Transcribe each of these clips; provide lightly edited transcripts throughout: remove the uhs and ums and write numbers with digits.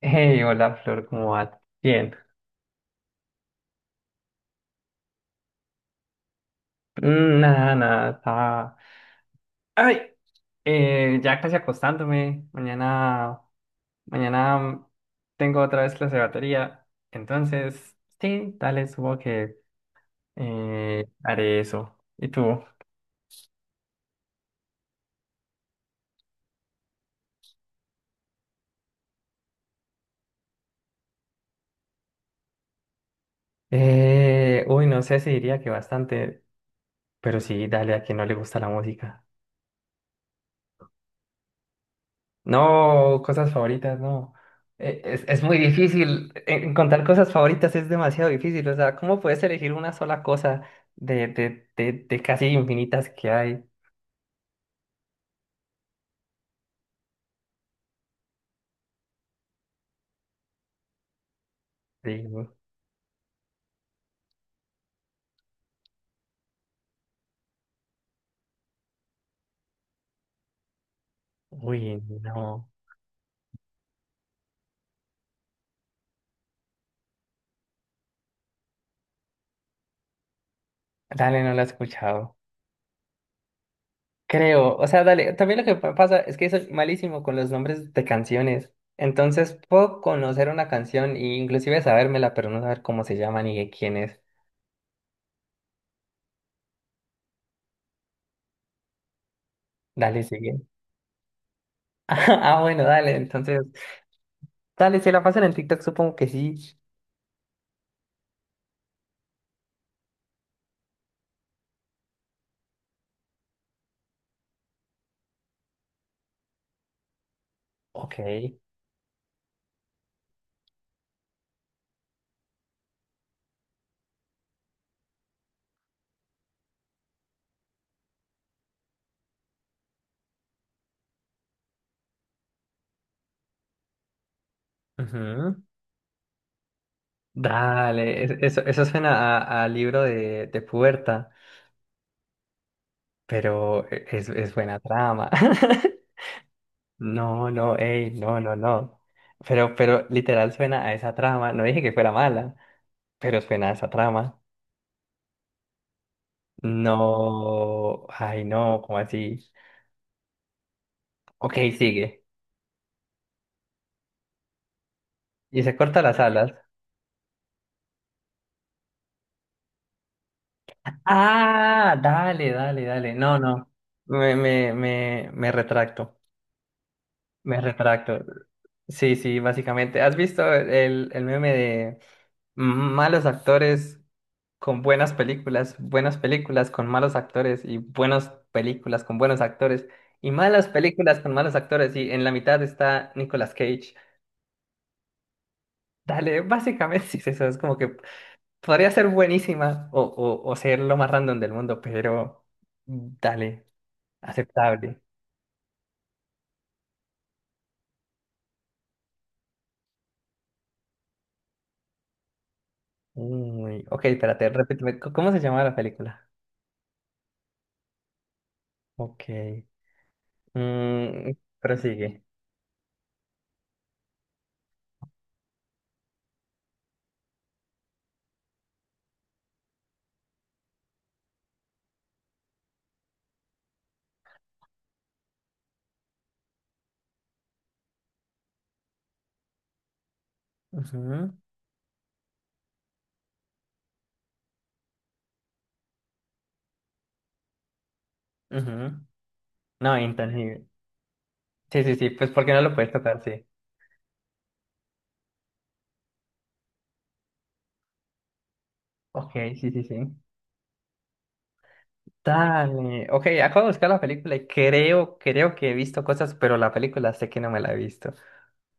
Hey, hola Flor, ¿cómo vas? Bien. Nada, estaba... Ay, ya casi acostándome. Mañana tengo otra vez clase de batería. Entonces, sí, dale, supongo que haré eso. ¿Y tú? Uy, no sé si diría que bastante, pero sí, dale, a quien no le gusta la música. No, cosas favoritas, no. Es muy difícil. Encontrar cosas favoritas es demasiado difícil. O sea, ¿cómo puedes elegir una sola cosa de casi infinitas que hay? Digo, uy, no. Dale, no la he escuchado. Creo. O sea, dale. También lo que pasa es que soy malísimo con los nombres de canciones. Entonces puedo conocer una canción e inclusive sabérmela, pero no saber cómo se llama ni de quién es. Dale, sigue. Ah, bueno, dale. Entonces. Dale, si la pasan en TikTok, supongo que sí. Ok. Ujú. Dale, eso suena a libro de puerta, pero es buena trama. No, no, ey, no, no, no. Pero literal suena a esa trama. No dije que fuera mala, pero suena a esa trama. No, ay, no, ¿cómo así? Ok, sigue. Y se corta las alas. Ah, dale, dale, dale. No, no. Me retracto. Me retracto. Sí, sí, básicamente. ¿Has visto el meme de malos actores con buenas películas con malos actores y buenas películas con buenos actores y malas películas con malos actores y en la mitad está Nicolas Cage? Dale, básicamente sí es eso, es como que podría ser buenísima o ser lo más random del mundo, pero dale, aceptable. Uy, ok, espérate, repíteme, ¿cómo se llama la película? Ok. Mm, prosigue. Ujú, ujú. No, intangible. Sí, sí, sí, pues porque no lo puedes tocar, sí. Ok, sí, sí, sí. Dale. Ok, acabo de buscar la película y creo, creo que he visto cosas, pero la película sé que no me la he visto.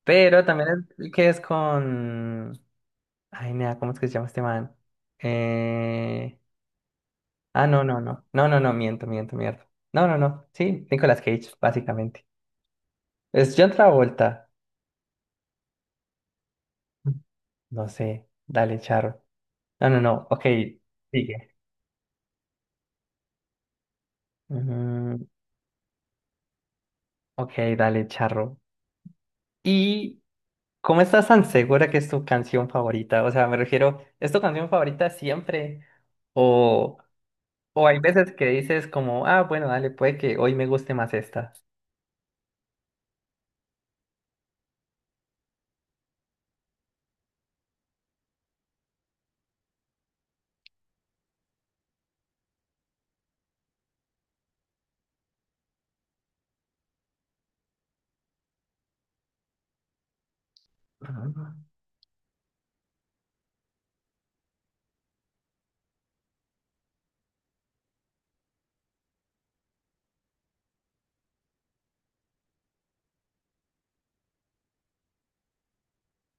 Pero también el que es con... Ay, nada, ¿cómo es que se llama este man? Eh... Ah, no, no, no. No, no, no, miento, miento, miento. No, no, no. Sí, Nicolas Cage, básicamente. Es John Travolta. No sé. Dale, Charo. No, no, no. Ok, sigue. Mm, ok, dale, charro. ¿Y cómo estás tan segura que es tu canción favorita? O sea, me refiero, ¿es tu canción favorita siempre? O, o hay veces que dices como, ah, bueno, dale, puede que hoy me guste más esta. Ujú.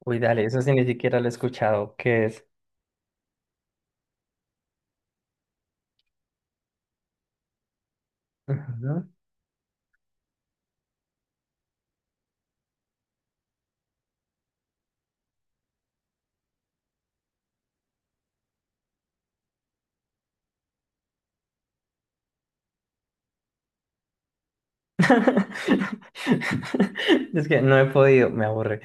Uy, dale, eso sí ni siquiera lo he escuchado. ¿Qué es? Ujú. Es que no he podido, me aburre.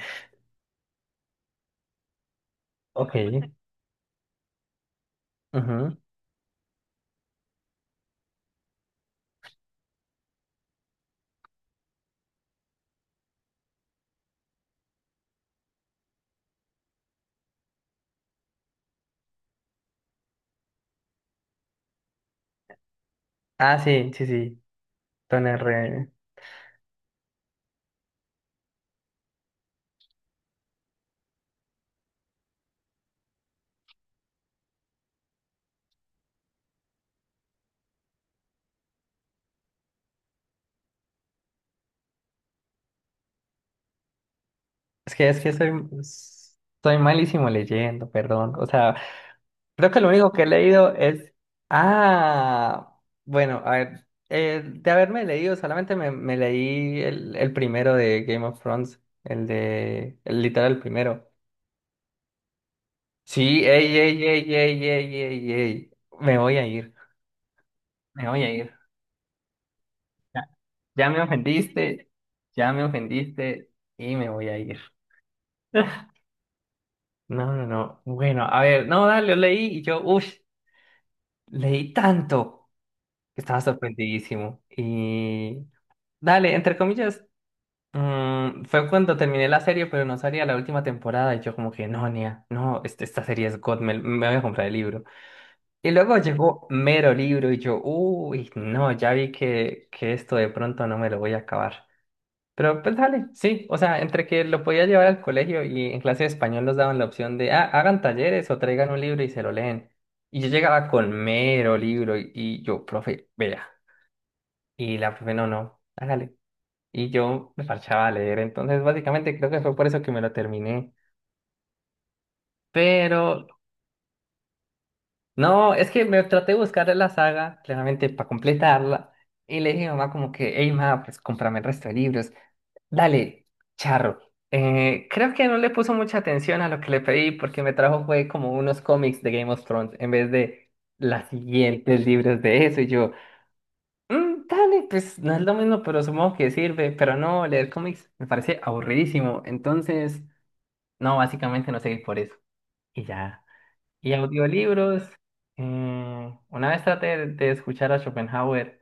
Ok. Ujú. Ah, sí, sí, sí. Don R. Es que soy, soy malísimo leyendo, perdón. O sea, creo que lo único que he leído es... Ah, bueno, a ver, de haberme leído, solamente me leí el primero de Game of Thrones, el de... El literal el primero. Sí, ey, ey, ey, ey, ey, ey, ey. Me voy a ir, me voy a ir. Ya, ya me ofendiste, ya me ofendiste y me voy a ir. No, no, no. Bueno, a ver, no, dale, lo leí y yo, uff. Leí tanto que estaba sorprendidísimo. Y dale, entre comillas, fue cuando terminé la serie, pero no salía la última temporada. Y yo como que, no, Nia, no, esta serie es God, me voy a comprar el libro. Y luego llegó mero libro y yo, uy, no, ya vi que esto de pronto no me lo voy a acabar. Pero pues dale, sí, o sea, entre que lo podía llevar al colegio y en clase de español nos daban la opción de, ah, hagan talleres o traigan un libro y se lo leen. Y yo llegaba con mero libro y yo, profe, vea. Y la profe, no, no, hágale. Y yo me parchaba a leer, entonces básicamente creo que fue por eso que me lo terminé. Pero, no, es que me traté de buscar la saga, claramente, para completarla. Y le dije a mamá como que, hey, mamá, pues cómprame el resto de libros. Dale, charro. Creo que no le puso mucha atención a lo que le pedí porque me trajo fue como unos cómics de Game of Thrones en vez de las siguientes libros de eso. Y yo, dale, pues no es lo mismo, pero supongo que sirve. Pero no, leer cómics me parece aburridísimo. Entonces, no, básicamente no seguí por eso. Y ya. Y audiolibros. Una vez traté de escuchar a Schopenhauer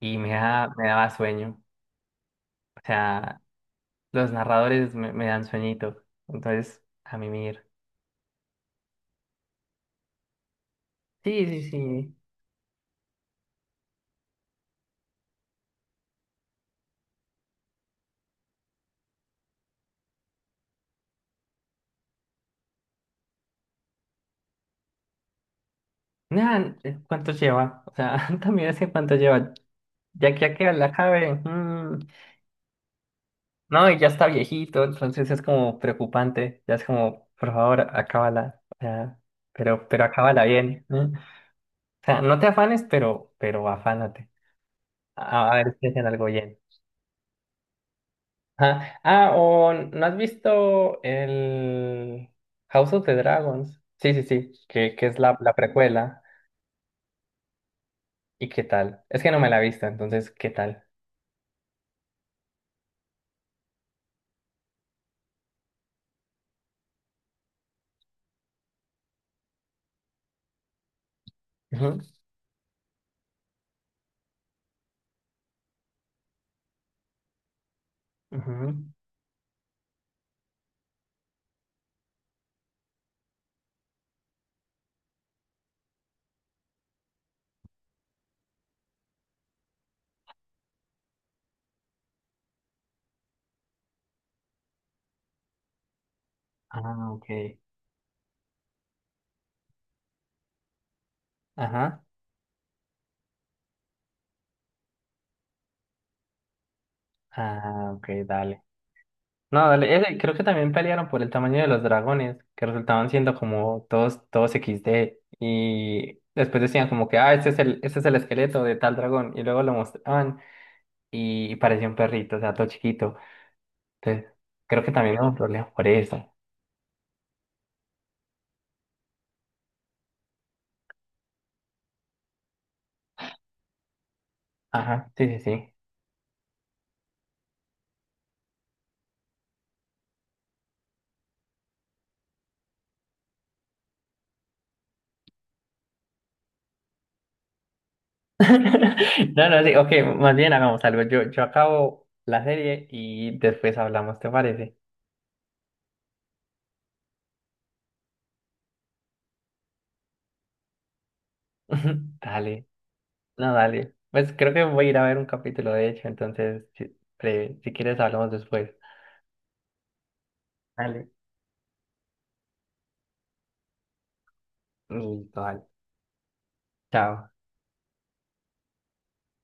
y me daba sueño. O sea, los narradores me dan sueñito. Entonces, a mimir. Sí, sí, sí. Nada, ¿cuánto lleva? O sea, también es que cuánto lleva. Ya que la cabe. No, y ya está viejito, entonces es como preocupante. Ya es como, por favor, acábala. O sea, pero acábala bien. ¿No? O sea, no te afanes, pero afánate. A ver si hacen algo bien. Ajá. Ah, o ¿no has visto el House of the Dragons? Sí, sí, sí, que es la, la precuela. ¿Y qué tal? Es que no me la he visto, entonces, ¿qué tal? Ujú, ujú. Ah, ok. Ajá. Ah, ok, dale. No, dale. Ese, creo que también pelearon por el tamaño de los dragones, que resultaban siendo como todos, todos XD. Y después decían como que, ah, este es este es el esqueleto de tal dragón. Y luego lo mostraban y parecía un perrito, o sea, todo chiquito. Entonces, creo que también hubo problemas por eso. Ajá, sí, sí, sí. No, no, sí, ok, más bien hagamos algo. Yo acabo la serie y después hablamos, ¿te parece? Dale, no, dale. Pues creo que voy a ir a ver un capítulo, de hecho, entonces, si, breve, si quieres, hablamos después. Dale. Listo, dale. Chao.